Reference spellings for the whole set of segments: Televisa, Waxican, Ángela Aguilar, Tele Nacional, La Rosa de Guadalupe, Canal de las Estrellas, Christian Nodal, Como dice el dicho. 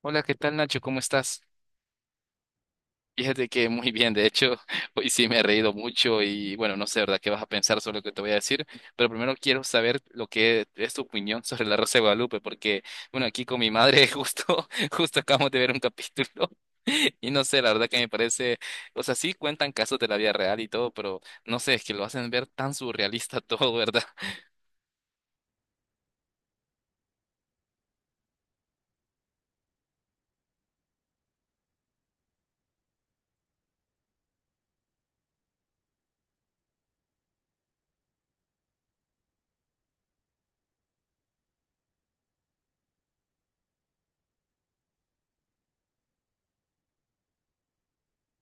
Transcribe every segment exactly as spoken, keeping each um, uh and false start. Hola, ¿qué tal Nacho? ¿Cómo estás? Fíjate que muy bien, de hecho, hoy sí me he reído mucho y bueno, no sé, ¿verdad? ¿Qué vas a pensar sobre lo que te voy a decir? Pero primero quiero saber lo que es tu opinión sobre la Rosa de Guadalupe, porque bueno, aquí con mi madre justo, justo acabamos de ver un capítulo y no sé, la verdad que me parece, o sea, sí cuentan casos de la vida real y todo, pero no sé, es que lo hacen ver tan surrealista todo, ¿verdad?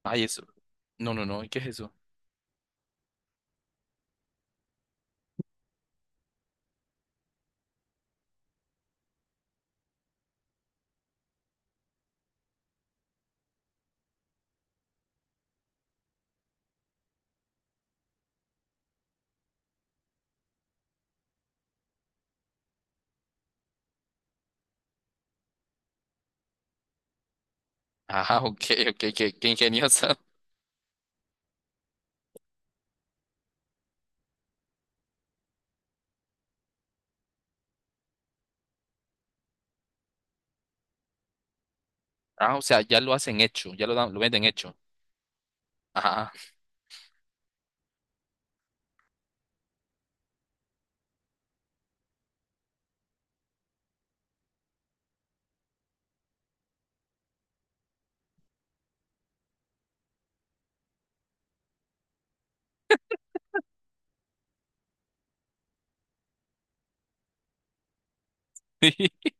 Ay, eso. No, no, no, ¿qué es eso? Ah, ok, ok, qué, qué ingeniosa. Ah, o sea, ya lo hacen hecho, ya lo dan, lo venden hecho. Ajá.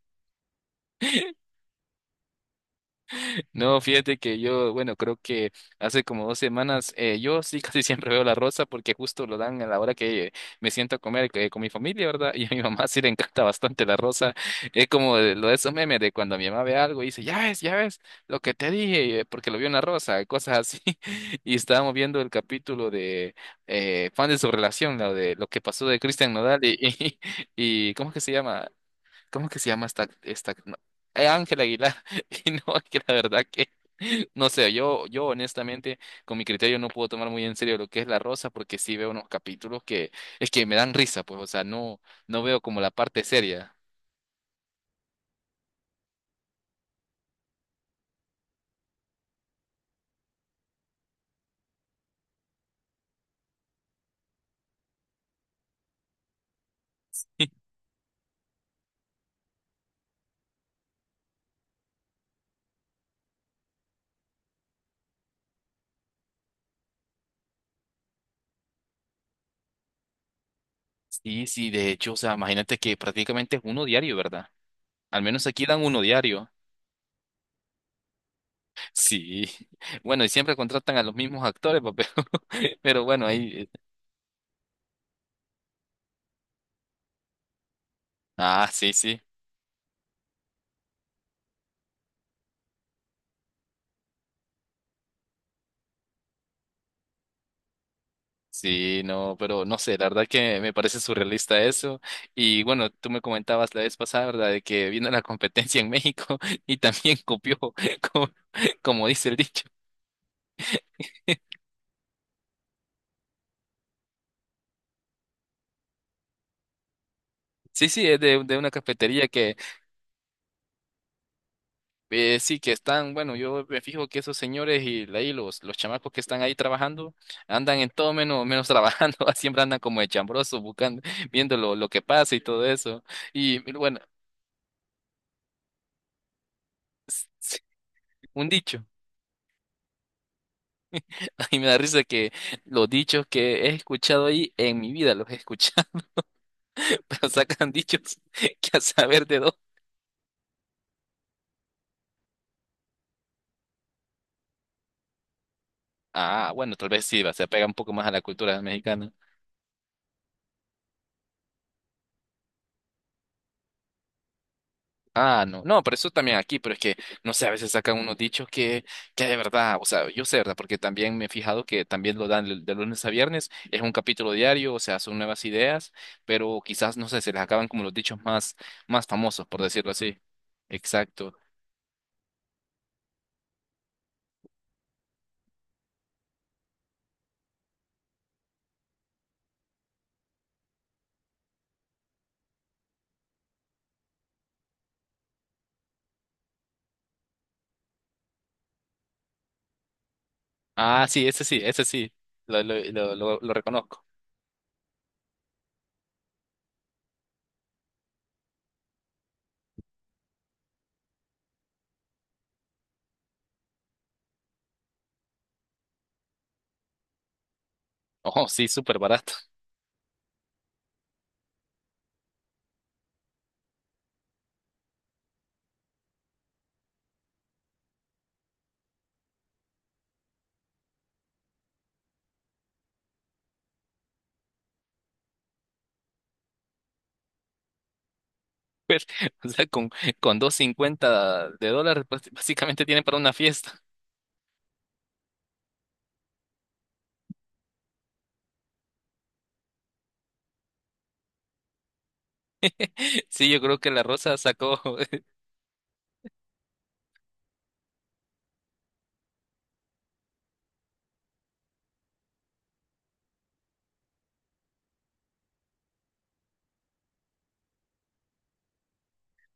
No, fíjate que yo, bueno, creo que hace como dos semanas, eh, yo sí casi siempre veo la rosa porque justo lo dan a la hora que me siento a comer eh, con mi familia, ¿verdad? Y a mi mamá sí le encanta bastante la rosa. Es como de- lo de esos memes de cuando mi mamá ve algo y dice, ya ves, ya ves, lo que te dije, eh, porque lo vio en la rosa, y cosas así. Y estábamos viendo el capítulo de eh, Fan de su relación, lo de lo que pasó de Christian Nodal y, y, y ¿cómo es que se llama? ¿Cómo que se llama esta, esta, no, eh, Ángela Aguilar? Y no, que la verdad que, no sé, yo, yo honestamente, con mi criterio no puedo tomar muy en serio lo que es La Rosa, porque sí veo unos capítulos que, es que me dan risa, pues, o sea, no, no veo como la parte seria. Sí, sí, de hecho, o sea, imagínate que prácticamente es uno diario, ¿verdad? Al menos aquí dan uno diario. Sí. Bueno, y siempre contratan a los mismos actores, pa, pero, pero bueno, ahí. Ah, sí, sí. Sí, no, pero no sé, la verdad que me parece surrealista eso. Y bueno, tú me comentabas la vez pasada, ¿verdad? De que vino la competencia en México y también copió, como, como dice el dicho. Sí, sí, es de, de una cafetería que eh, sí que están, bueno, yo me fijo que esos señores y ahí los, los chamacos que están ahí trabajando andan en todo menos, menos trabajando, siempre andan como de chambrosos buscando, viendo lo, lo que pasa y todo eso. Y bueno, un dicho. Y me da risa que los dichos que he escuchado ahí en mi vida los he escuchado, pero sacan dichos que a saber de dos. Ah, bueno, tal vez sí, va, se apega un poco más a la cultura mexicana. Ah, no, no, pero eso también aquí, pero es que, no sé, a veces sacan unos dichos que, que de verdad, o sea, yo sé, ¿verdad? Porque también me he fijado que también lo dan de lunes a viernes, es un capítulo diario, o sea, son nuevas ideas, pero quizás, no sé, se les acaban como los dichos más, más famosos, por decirlo así. Exacto. Ah, sí, ese sí, ese sí, lo, lo, lo, lo, lo reconozco. Oh, sí, súper barato. Pues, O sea, con, con dos cincuenta de dólares, pues, básicamente tienen para una fiesta. Sí, yo creo que la Rosa sacó.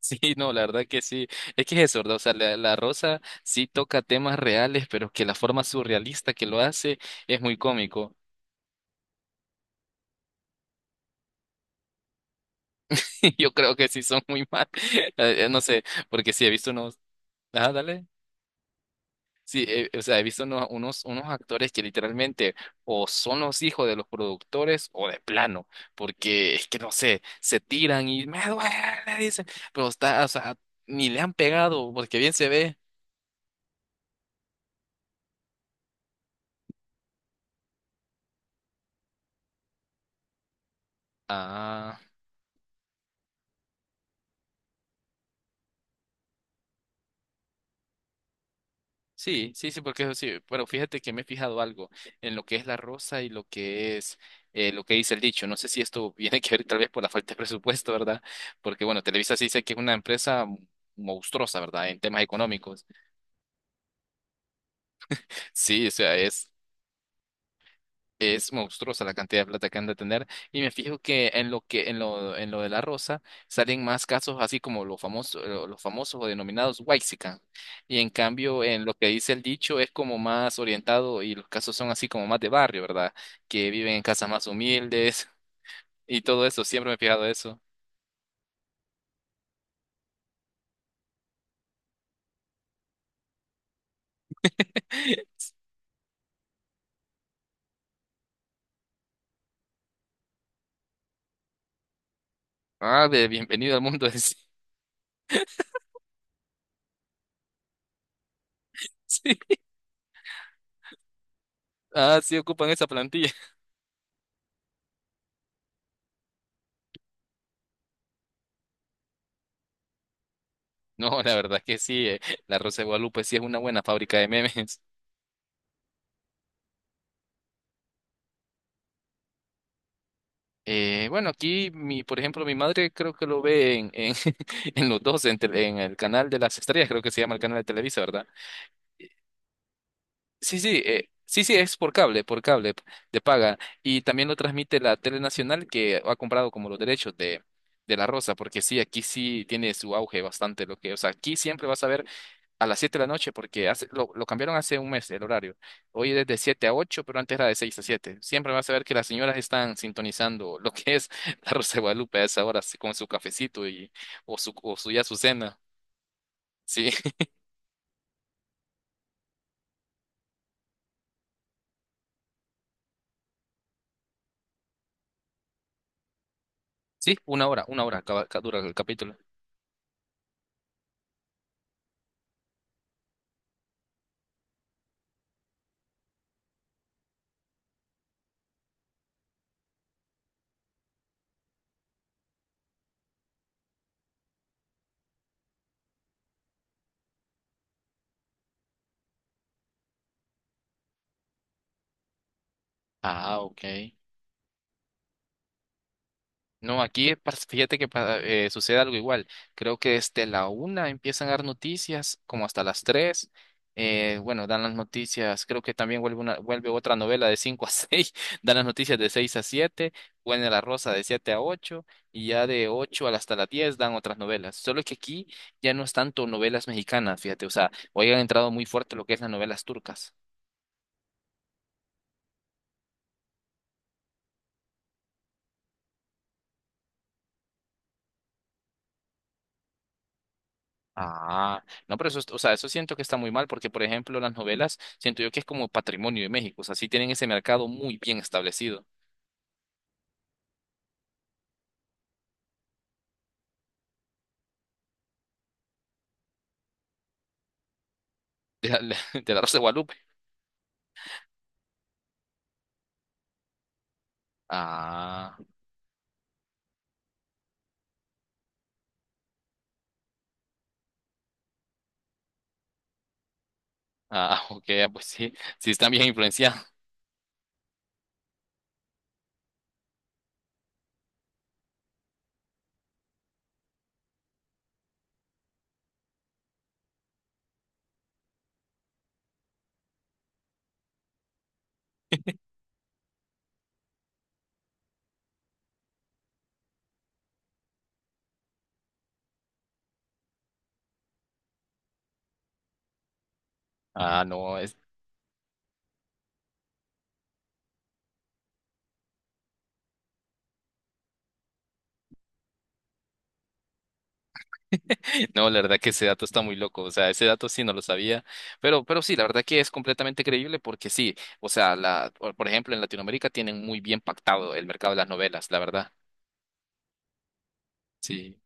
Sí, no, la verdad que sí. Es que es eso, ¿verdad? O sea, la, la Rosa sí toca temas reales, pero que la forma surrealista que lo hace es muy cómico. Yo creo que sí son muy mal. Eh, No sé, porque sí he visto unos. Ah, dale. Sí, eh, o sea, he visto unos, unos, unos actores que literalmente o son los hijos de los productores o de plano, porque es que no sé, se tiran y me duele, dicen, pero está, o sea, ni le han pegado porque bien se ve. Ah, sí, sí, sí, porque eso sí, pero fíjate que me he fijado algo en lo que es la rosa y lo que es eh, lo que dice el dicho. No sé si esto viene que ver tal vez por la falta de presupuesto, ¿verdad? Porque bueno, Televisa sí dice que es una empresa monstruosa, ¿verdad? En temas económicos. Sí, o sea, es Es monstruosa la cantidad de plata que han de tener. Y me fijo que en lo que, en lo, en lo de la rosa, salen más casos así como los famosos, lo- los famosos o denominados Waxican. Y en cambio, en lo que dice el dicho, es como más orientado, y los casos son así como más de barrio, ¿verdad? Que viven en casas más humildes y todo eso. Siempre me he fijado eso. Ah, de- bienvenido al mundo del ci- Sí. Ah, sí ocupan esa plantilla. No, la verdad que sí, eh, La Rosa de Guadalupe sí es una buena fábrica de memes. Eh, bueno, aquí, mi, por ejemplo, mi madre creo que lo ve en, en, en los dos, en, tele- en el canal de las estrellas, creo que se llama el canal de Televisa, ¿verdad? Sí, sí, eh, sí, sí, es por cable, por cable de paga. Y también lo transmite la Tele Nacional que ha comprado como los derechos de, de La Rosa, porque sí, aquí sí tiene su auge bastante lo que, o sea, aquí siempre vas a ver a las siete de la noche, porque hace, lo, lo cambiaron hace un mes el horario. Hoy es de siete a ocho pero antes era de seis a siete Siempre vas a ver que las señoras están sintonizando lo que es la Rosa de Guadalupe a esa hora, así, con su cafecito y, o, su, o su, ya su cena. Sí, sí, una hora, una hora acaba- acá dura el capítulo. Ah, ok. No, aquí pas- fíjate que pa- eh, sucede algo igual. Creo que desde la una empiezan a dar noticias, como hasta las tres. Eh, bueno, dan las noticias. Creo que también vuelve una, vuelve otra novela de cinco a seis. Dan las noticias de seis a siete. Vuelve La Rosa de siete a ocho. Y ya de ocho a- hasta las diez dan otras novelas. Solo que aquí ya no es tanto novelas mexicanas, fíjate. O sea, hoy han entrado muy fuerte lo que es las novelas turcas. Ah, no, pero eso, es- o sea, eso siento que está muy mal porque, por ejemplo, las novelas, siento yo que es como patrimonio de México, o sea, sí tienen ese mercado muy bien establecido de la, de la Rosa de Guadalupe. Ah, ah, ok, ah, pues sí, sí están bien influenciados. Ah, no, es, no, la verdad que ese dato está muy loco, o sea, ese dato sí no lo sabía, pero, pero, sí, la verdad que es completamente creíble porque sí, o sea, la, por por ejemplo, en Latinoamérica tienen muy bien pactado el mercado de las novelas, la verdad. Sí.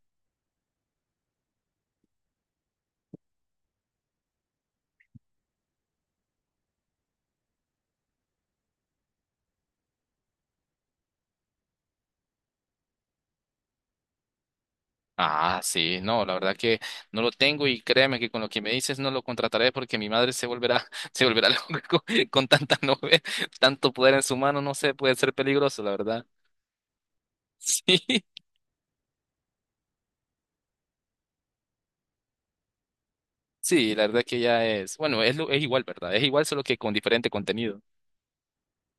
Ah, sí, no, la verdad que no lo tengo y créeme que con lo que me dices no lo contrataré porque mi madre se volverá, se volverá loca con, con tanta novela, tanto poder en su mano, no sé, puede ser peligroso, la verdad. Sí, sí, la verdad que ya es, bueno, es, lo- es igual, ¿verdad? Es igual solo que con diferente contenido.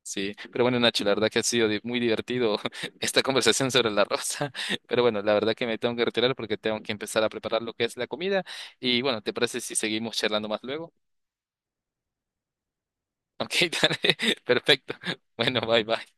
Sí, pero bueno, Nacho, la verdad que ha sido di- muy divertido esta conversación sobre la rosa, pero bueno, la verdad que me tengo que retirar porque tengo que empezar a preparar lo que es la comida y bueno, ¿te parece si seguimos charlando más luego? Ok, dale, perfecto. Bueno, bye, bye.